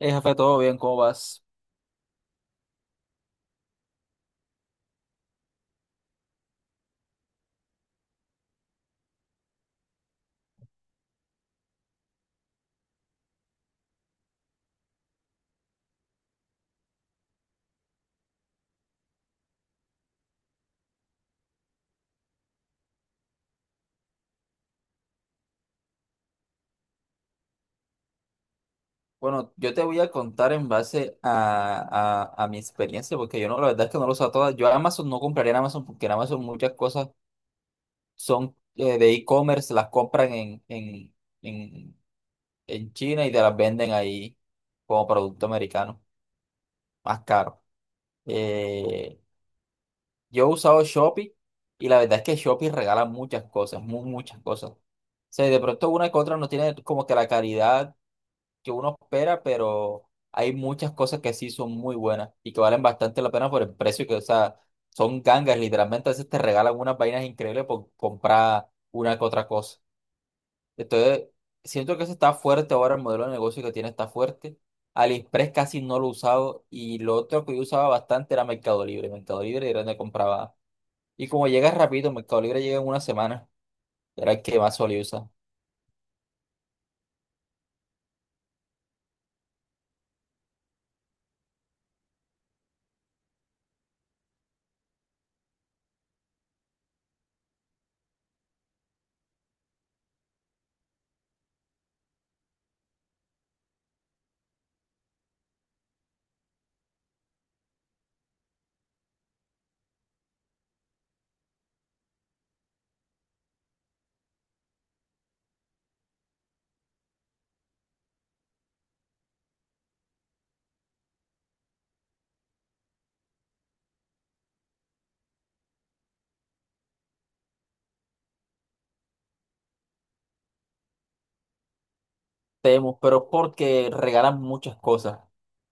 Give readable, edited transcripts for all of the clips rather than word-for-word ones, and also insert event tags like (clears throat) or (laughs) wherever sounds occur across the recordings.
Jefe, todo bien, ¿cómo vas? Bueno, yo te voy a contar en base a, a mi experiencia, porque yo no, la verdad es que no lo sé todas. Yo a Amazon no compraría en Amazon, porque en Amazon muchas cosas son de e-commerce, las compran en, en China y te las venden ahí como producto americano, más caro. Eh, yo he usado Shopee y la verdad es que Shopee regala muchas cosas, muchas cosas. O sea, de pronto una que otra no tiene como que la calidad que uno espera, pero hay muchas cosas que sí son muy buenas y que valen bastante la pena por el precio, que, o sea, son gangas, literalmente a veces te regalan unas vainas increíbles por comprar una que otra cosa. Entonces, siento que eso está fuerte ahora, el modelo de negocio que tiene está fuerte. AliExpress casi no lo he usado y lo otro que yo usaba bastante era Mercado Libre. Mercado Libre era donde compraba. Y como llegas rápido, Mercado Libre llega en una semana, era el que más solía usar. Temu, pero porque regalan muchas cosas,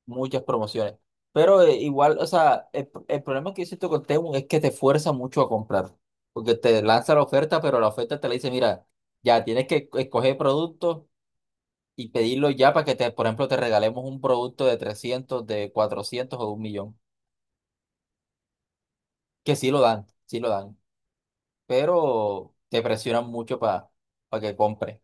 muchas promociones. Pero igual, o sea, el problema que yo siento con Temu es que te fuerza mucho a comprar, porque te lanza la oferta, pero la oferta te la dice, mira, ya tienes que escoger productos y pedirlo ya para que, te, por ejemplo, te regalemos un producto de 300, de 400 o de un millón, que sí lo dan, pero te presionan mucho para que compres.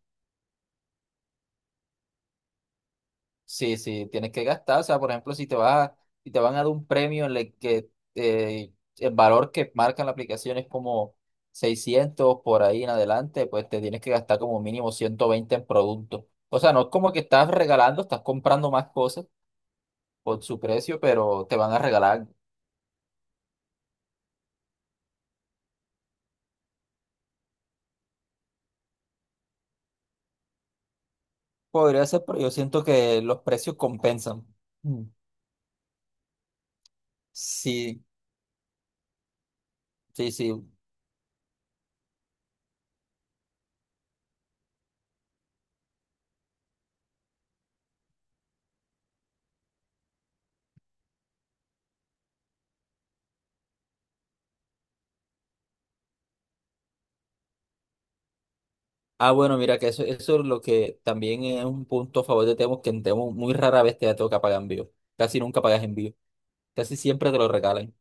Sí, sí, tienes que gastar. O sea, por ejemplo, si te van a dar un premio en el que eh, el valor que marca la aplicación es como 600 por ahí en adelante, pues te tienes que gastar como mínimo 120 en productos. O sea, no es como que estás regalando, estás comprando más cosas por su precio, pero te van a regalar. Podría ser, pero yo siento que los precios compensan. Mm. Sí, sí, sí. Ah, bueno, mira que eso es lo que también es un punto a favor de Temo, que en Temo muy rara vez te da toca pagar envío. Casi nunca pagas envío. Casi siempre te lo regalan.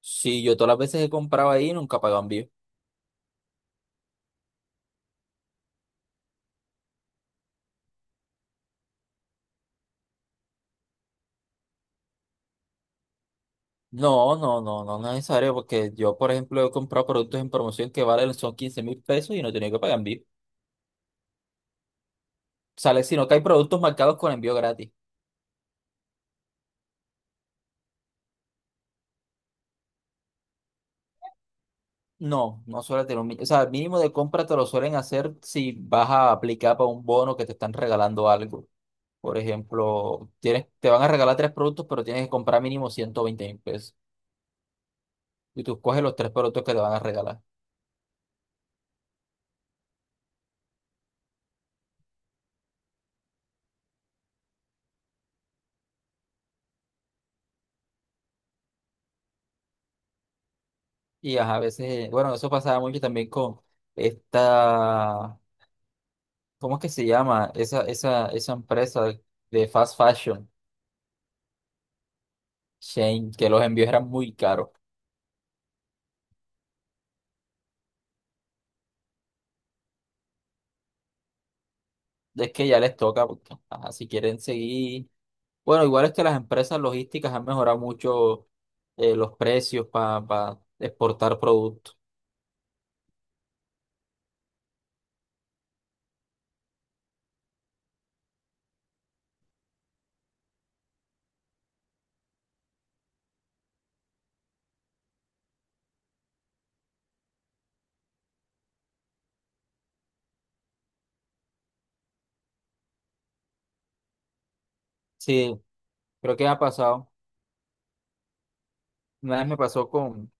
Sí, yo todas las veces he comprado ahí nunca pago envío. No, no, no, no, no es necesario, porque yo, por ejemplo, he comprado productos en promoción que valen son 15 mil pesos y no he tenido que pagar envío. Sale, sino que hay productos marcados con envío gratis. No, no suele tener un mínimo. O sea, el mínimo de compra te lo suelen hacer si vas a aplicar para un bono que te están regalando algo. Por ejemplo, tienes, te van a regalar tres productos, pero tienes que comprar mínimo 120 mil pesos. Y tú escoges los tres productos que te van a regalar. Y ajá, a veces, bueno, eso pasaba mucho también con esta, ¿cómo es que se llama? Esa empresa de fast fashion, Shane, que los envíos eran muy caros. Es que ya les toca, porque, ajá, si quieren seguir. Bueno, igual es que las empresas logísticas han mejorado mucho los precios para exportar productos. Sí, creo que ha pasado. Una vez me pasó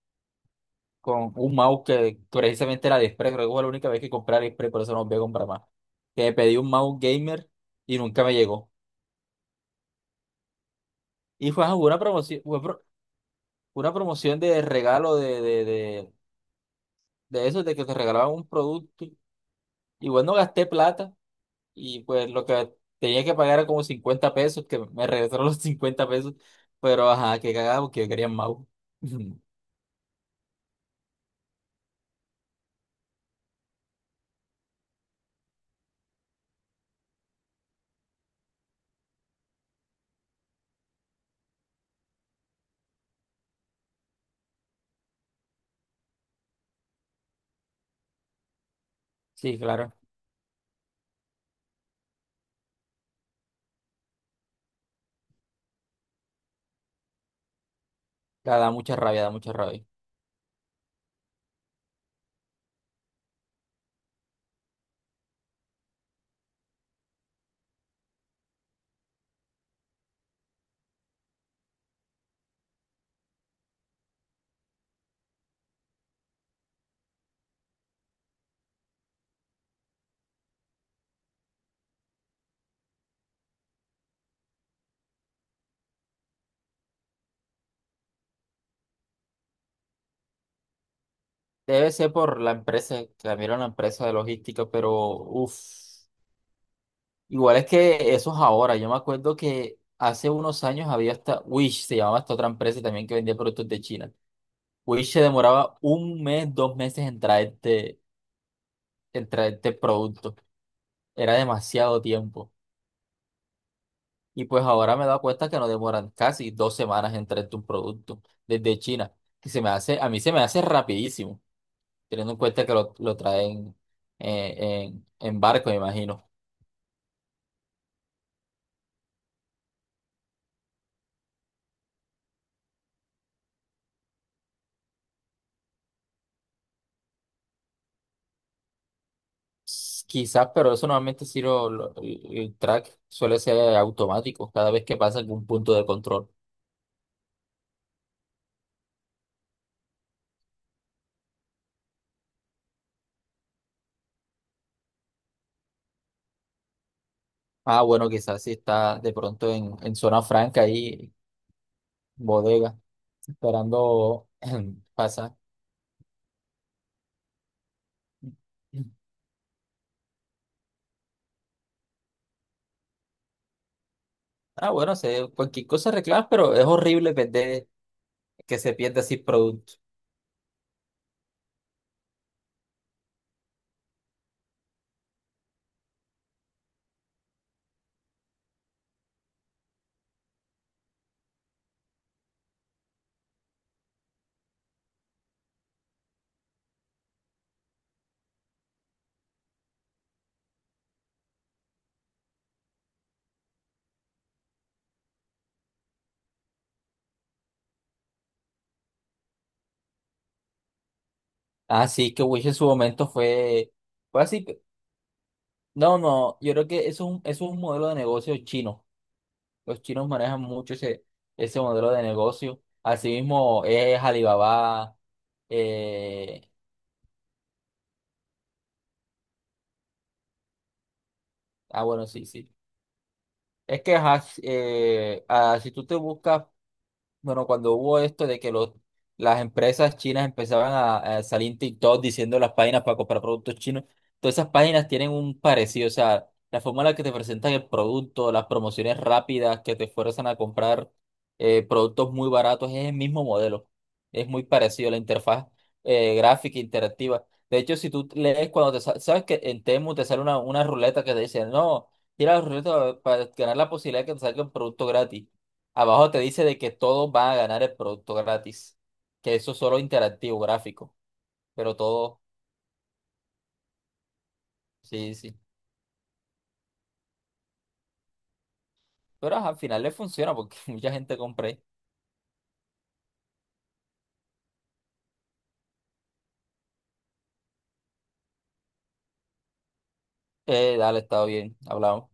con un mouse que precisamente era de Express. Creo que fue la única vez que compré Aliexpress, por eso no voy a comprar más. Que me pedí un mouse gamer y nunca me llegó. Y fue una promoción, una promoción de regalo de esos, de que te regalaban un producto. Igual no gasté plata. Y pues lo que tenía que pagar era como 50 pesos, que me regresaron (laughs) los 50 pesos, pero ajá, que cagado, porque yo quería Mau. (laughs) Sí, claro, da mucha rabia, da mucha rabia. Debe ser por la empresa, cambiaron la empresa de logística, pero uff, igual es que eso es ahora. Yo me acuerdo que hace unos años había hasta Wish, se llamaba esta otra empresa también que vendía productos de China. Wish se demoraba un mes, dos meses en traerte productos. Era demasiado tiempo. Y pues ahora me he dado cuenta que no demoran casi dos semanas en traerte un producto desde China, que se me hace, a mí se me hace rapidísimo, teniendo en cuenta que lo traen en barco, me imagino. Quizás, pero eso normalmente sí el el track suele ser automático cada vez que pasa algún punto de control. Ah, bueno, quizás si está de pronto en zona franca ahí, bodega, esperando (clears throat) pasar. Ah, bueno, sé, cualquier cosa reclamas, pero es horrible perder que se pierde así producto. Así que Wish en su momento fue, fue así. No, no, yo creo que eso es un modelo de negocio chino. Los chinos manejan mucho ese, ese modelo de negocio. Asimismo es Alibaba. eh, bueno, sí, sí. Es que ajá, si tú te buscas. Bueno, cuando hubo esto de que los, las empresas chinas empezaban a salir en TikTok diciendo las páginas para comprar productos chinos, todas esas páginas tienen un parecido, o sea, la forma en la que te presentan el producto, las promociones rápidas que te fuerzan a comprar productos muy baratos, es el mismo modelo, es muy parecido la interfaz gráfica interactiva. De hecho, si tú lees cuando te sabes que en Temu te sale una ruleta que te dice, no, tira la ruleta para ganar la posibilidad de que te salga un producto gratis. Abajo te dice de que todos van a ganar el producto gratis, que eso es solo interactivo, gráfico, pero todo, sí, sí. Pero ajá, al final le funciona porque (laughs) mucha gente compré. Dale, está bien, hablamos.